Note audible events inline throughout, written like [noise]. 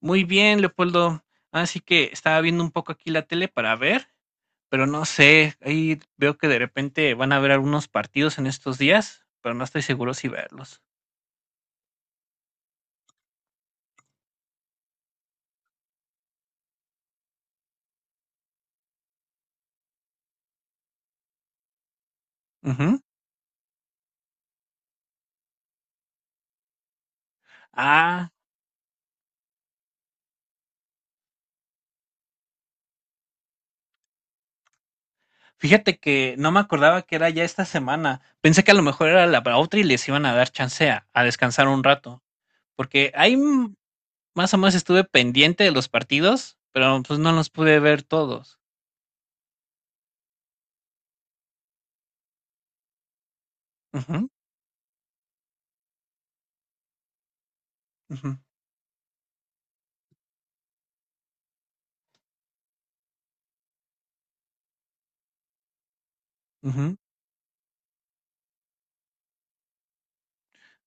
Muy bien, Leopoldo. Así que estaba viendo un poco aquí la tele para ver, pero no sé, ahí veo que de repente van a haber algunos partidos en estos días, pero no estoy seguro si verlos. Ujú. Ah, fíjate que no me acordaba que era ya esta semana. Pensé que a lo mejor era la para otra y les iban a dar chance a descansar un rato, porque ahí más o menos estuve pendiente de los partidos, pero pues no los pude ver todos. Ujú, ujú, ujú.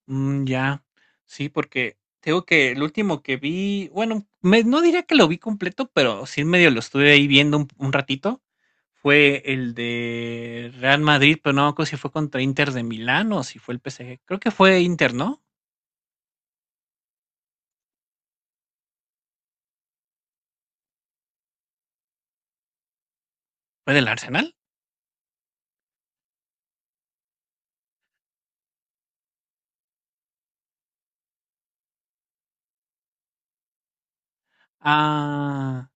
Mm, ya. Sí, porque tengo que el último que vi, bueno, no diría que lo vi completo, pero sí medio lo estuve ahí viendo un ratito. Fue el de Real Madrid, pero no me acuerdo si fue contra Inter de Milán o si fue el PSG. Creo que fue Inter, ¿no? ¿Fue del Arsenal? Ah.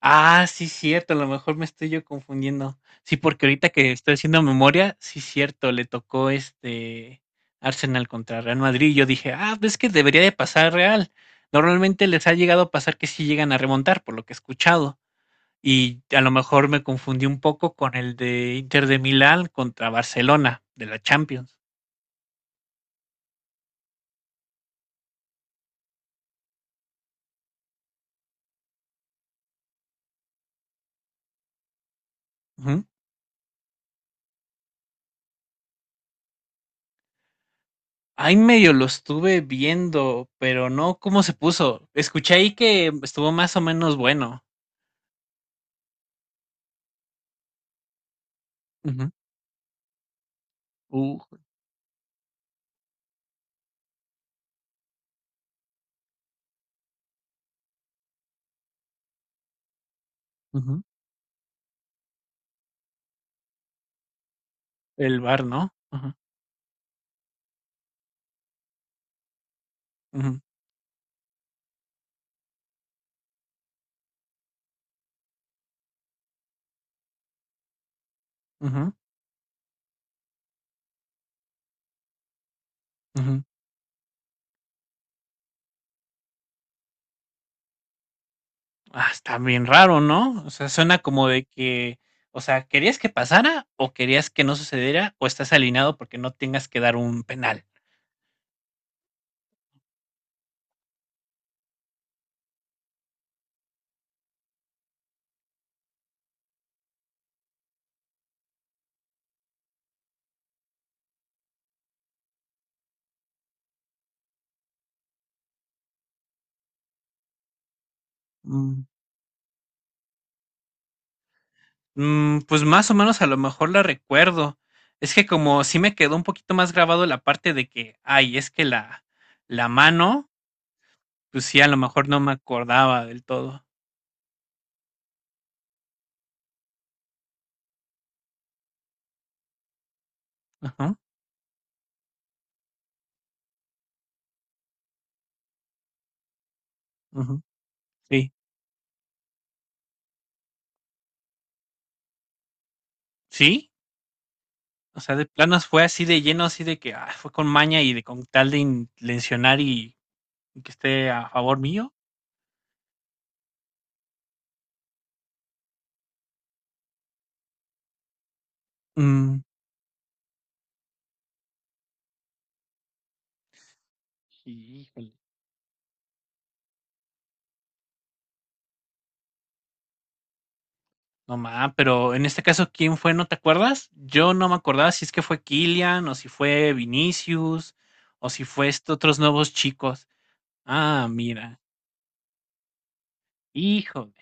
Ah, sí, cierto, a lo mejor me estoy yo confundiendo. Sí, porque ahorita que estoy haciendo memoria, sí, cierto, le tocó este Arsenal contra Real Madrid. Y yo dije, ah, ves que debería de pasar Real. Normalmente les ha llegado a pasar que sí llegan a remontar, por lo que he escuchado. Y a lo mejor me confundí un poco con el de Inter de Milán contra Barcelona de la Champions. Ujú. Ahí medio lo estuve viendo, pero no cómo se puso. Escuché ahí que estuvo más o menos bueno. Ujú. Ujú. El bar, ¿no? Ujú, ujú, ujú, ujú. Ah, está bien raro, ¿no? O sea, suena como de que, o sea, ¿querías que pasara o querías que no sucediera o estás alineado porque no tengas que dar un penal? Mm. Mm, pues más o menos a lo mejor la recuerdo. Es que como sí me quedó un poquito más grabado la parte de que, ay, es que la mano, pues sí, a lo mejor no me acordaba del todo. Ajá, ujú, sí, sí. O sea, de planos fue así de lleno, así de que ah, fue con maña y de con tal de intencionar y que esté a favor mío. Mm, híjole. No más, pero en este caso, ¿quién fue? ¿No te acuerdas? Yo no me acordaba si es que fue Kylian o si fue Vinicius o si fue estos otros nuevos chicos. Ah, mira. Híjole.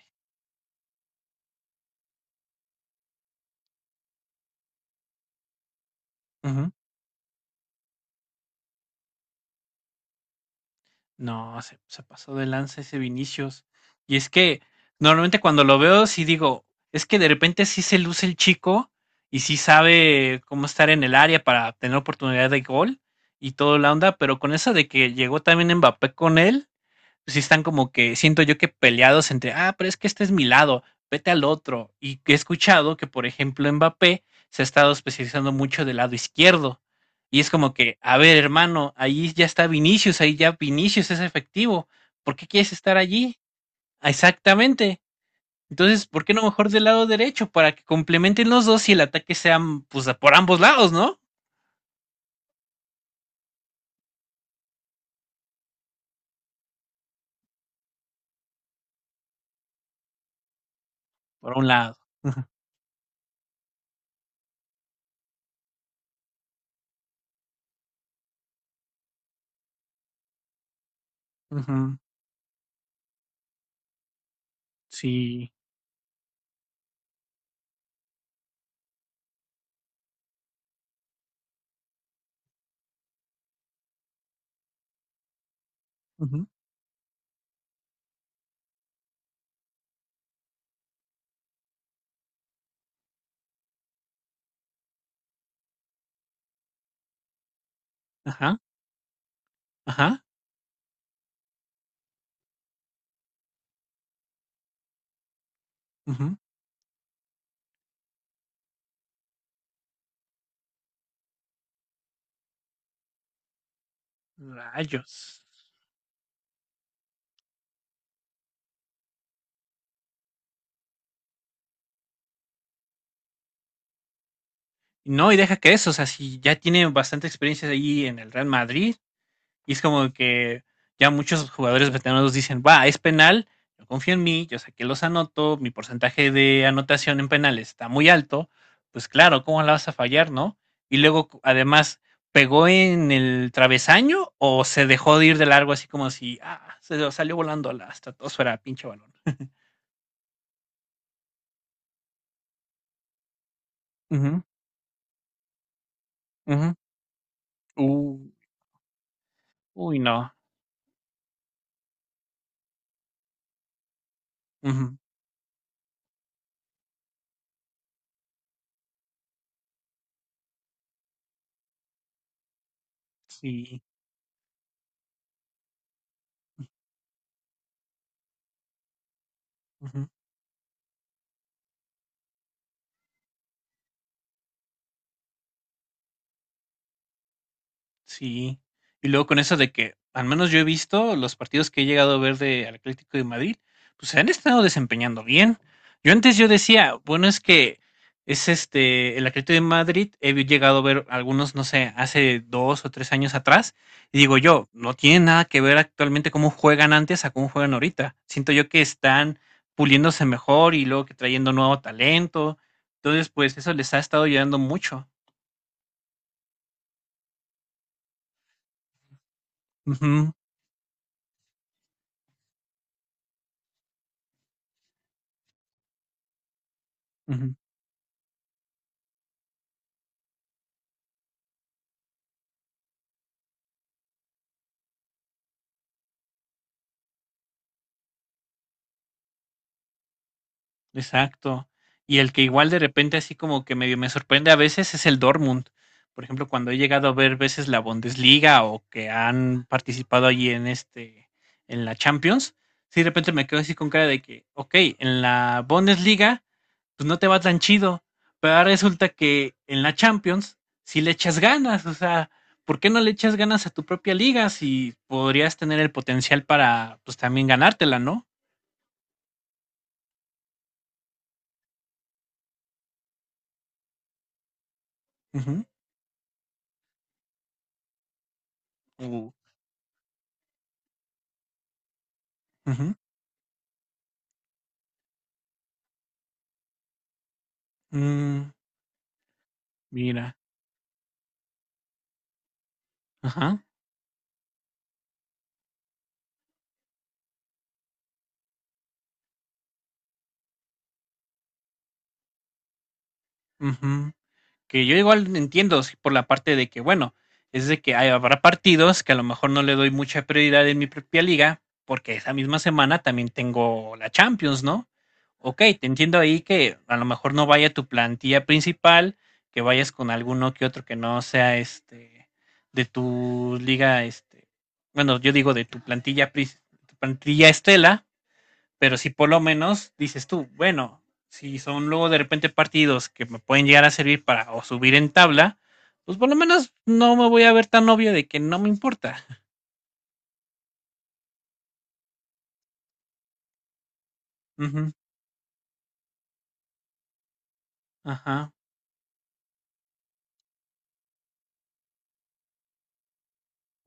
No, se pasó de lanza ese Vinicius. Y es que normalmente cuando lo veo, sí digo, es que de repente sí se luce el chico y sí sabe cómo estar en el área para tener oportunidad de gol y todo la onda, pero con eso de que llegó también Mbappé con él sí están como que siento yo que peleados entre, ah, pero es que este es mi lado, vete al otro. Y he escuchado que, por ejemplo, Mbappé se ha estado especializando mucho del lado izquierdo. Y es como que, a ver, hermano, ahí ya está Vinicius, ahí ya Vinicius es efectivo. ¿Por qué quieres estar allí? Exactamente. Entonces, ¿por qué no mejor del lado derecho? Para que complementen los dos y el ataque sea pues, por ambos lados, ¿no? Por un lado. Uh -huh. Sí. Uh -huh. Ajá. Ajá. Uh -huh. Rayos. No, y deja que eso, o sea, si ya tiene bastante experiencia ahí en el Real Madrid, y es como que ya muchos jugadores veteranos dicen, va, es penal, yo confío en mí, yo sé que los anoto, mi porcentaje de anotación en penales está muy alto, pues claro, ¿cómo la vas a fallar, no? Y luego, además, ¿pegó en el travesaño o se dejó de ir de largo así como si, ah, se salió volando a la estratosfera, pinche balón? Ujú, ujú. Uh, uy, no. Ujú, sí. Sí. Y luego con eso de que, al menos yo he visto los partidos que he llegado a ver de al Atlético de Madrid, pues se han estado desempeñando bien. Yo antes yo decía, bueno, es que es este, el Atlético de Madrid, llegado a ver algunos, no sé, hace dos o tres años atrás, y digo yo, no tiene nada que ver actualmente cómo juegan antes a cómo juegan ahorita. Siento yo que están puliéndose mejor y luego que trayendo nuevo talento. Entonces, pues eso les ha estado ayudando mucho. Ujú, ujú. Exacto. Y el que igual de repente así como que medio me sorprende a veces es el Dortmund. Por ejemplo, cuando he llegado a ver veces la Bundesliga o que han participado allí en la Champions, sí de repente me quedo así con cara de que, ok, en la Bundesliga, pues no te va tan chido, pero ahora resulta que en la Champions sí le echas ganas, o sea, ¿por qué no le echas ganas a tu propia liga si podrías tener el potencial para, pues también ganártela, ¿no? Ujú, u- ujú. Mm, mira, ajá, ujú. Que yo igual entiendo sí, por la parte de que, bueno, es de que habrá partidos que a lo mejor no le doy mucha prioridad en mi propia liga, porque esa misma semana también tengo la Champions, ¿no? Ok, te entiendo ahí que a lo mejor no vaya tu plantilla principal, que vayas con alguno que otro que no sea este de tu liga, este, bueno, yo digo de tu plantilla, tu plantilla estela. Pero si por lo menos dices tú, bueno, si son luego de repente partidos que me pueden llegar a servir para o subir en tabla, pues por lo menos no me voy a ver tan obvio de que no me importa. [laughs] Ujú, ajá,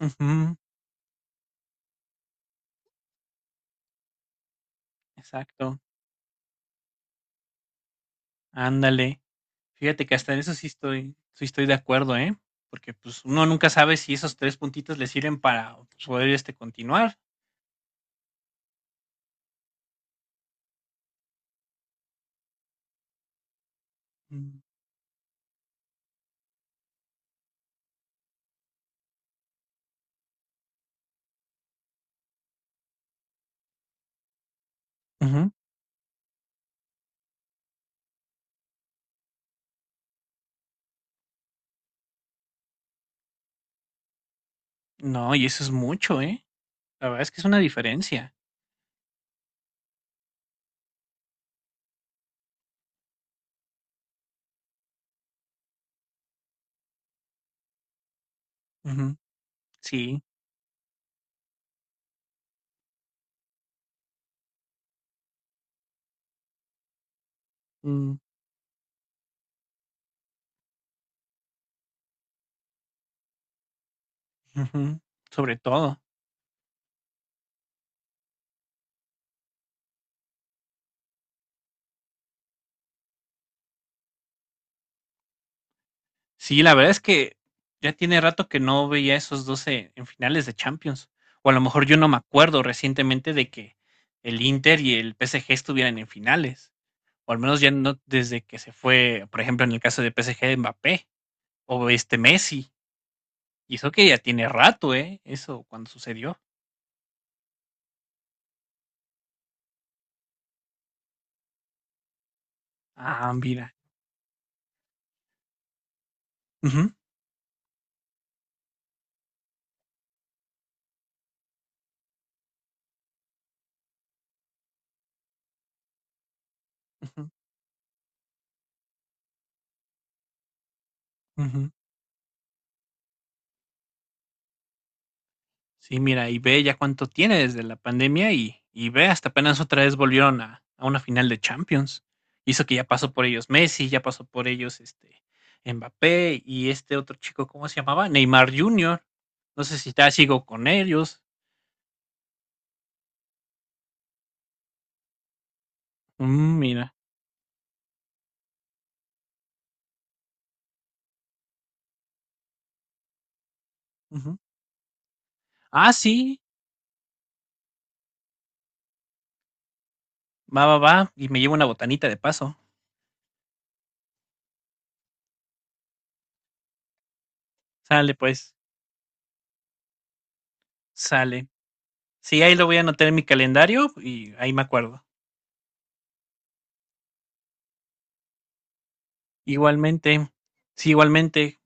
ujú, exacto. Ándale. Fíjate que hasta en eso sí estoy de acuerdo, ¿eh? Porque pues uno nunca sabe si esos tres puntitos le sirven para pues, poder este continuar. Mm, ujú. No, y eso es mucho, ¿eh? La verdad es que es una diferencia. Ujú, sí. Mm. Ujú, sobre todo. Sí, la verdad es que ya tiene rato que no veía esos 2 en finales de Champions, o a lo mejor yo no me acuerdo recientemente de que el Inter y el PSG estuvieran en finales, o al menos ya no desde que se fue, por ejemplo, en el caso de PSG, Mbappé o, este, Messi, y eso que ya tiene rato, ¿eh? Eso cuando sucedió. Ah, mira. Ujú, ujú, ujú. Sí, mira, y ve ya cuánto tiene desde la pandemia y ve, hasta apenas otra vez volvieron a una final de Champions. Hizo que ya pasó por ellos Messi, ya pasó por ellos este Mbappé y este otro chico, ¿cómo se llamaba? Neymar Jr. No sé si está sigo con ellos. Mm, mira. Ujú. Ah, sí, va, va, va. Y me llevo una botanita de paso. Sale, pues, sale. Sí, ahí lo voy a anotar en mi calendario y ahí me acuerdo. Igualmente, sí, igualmente.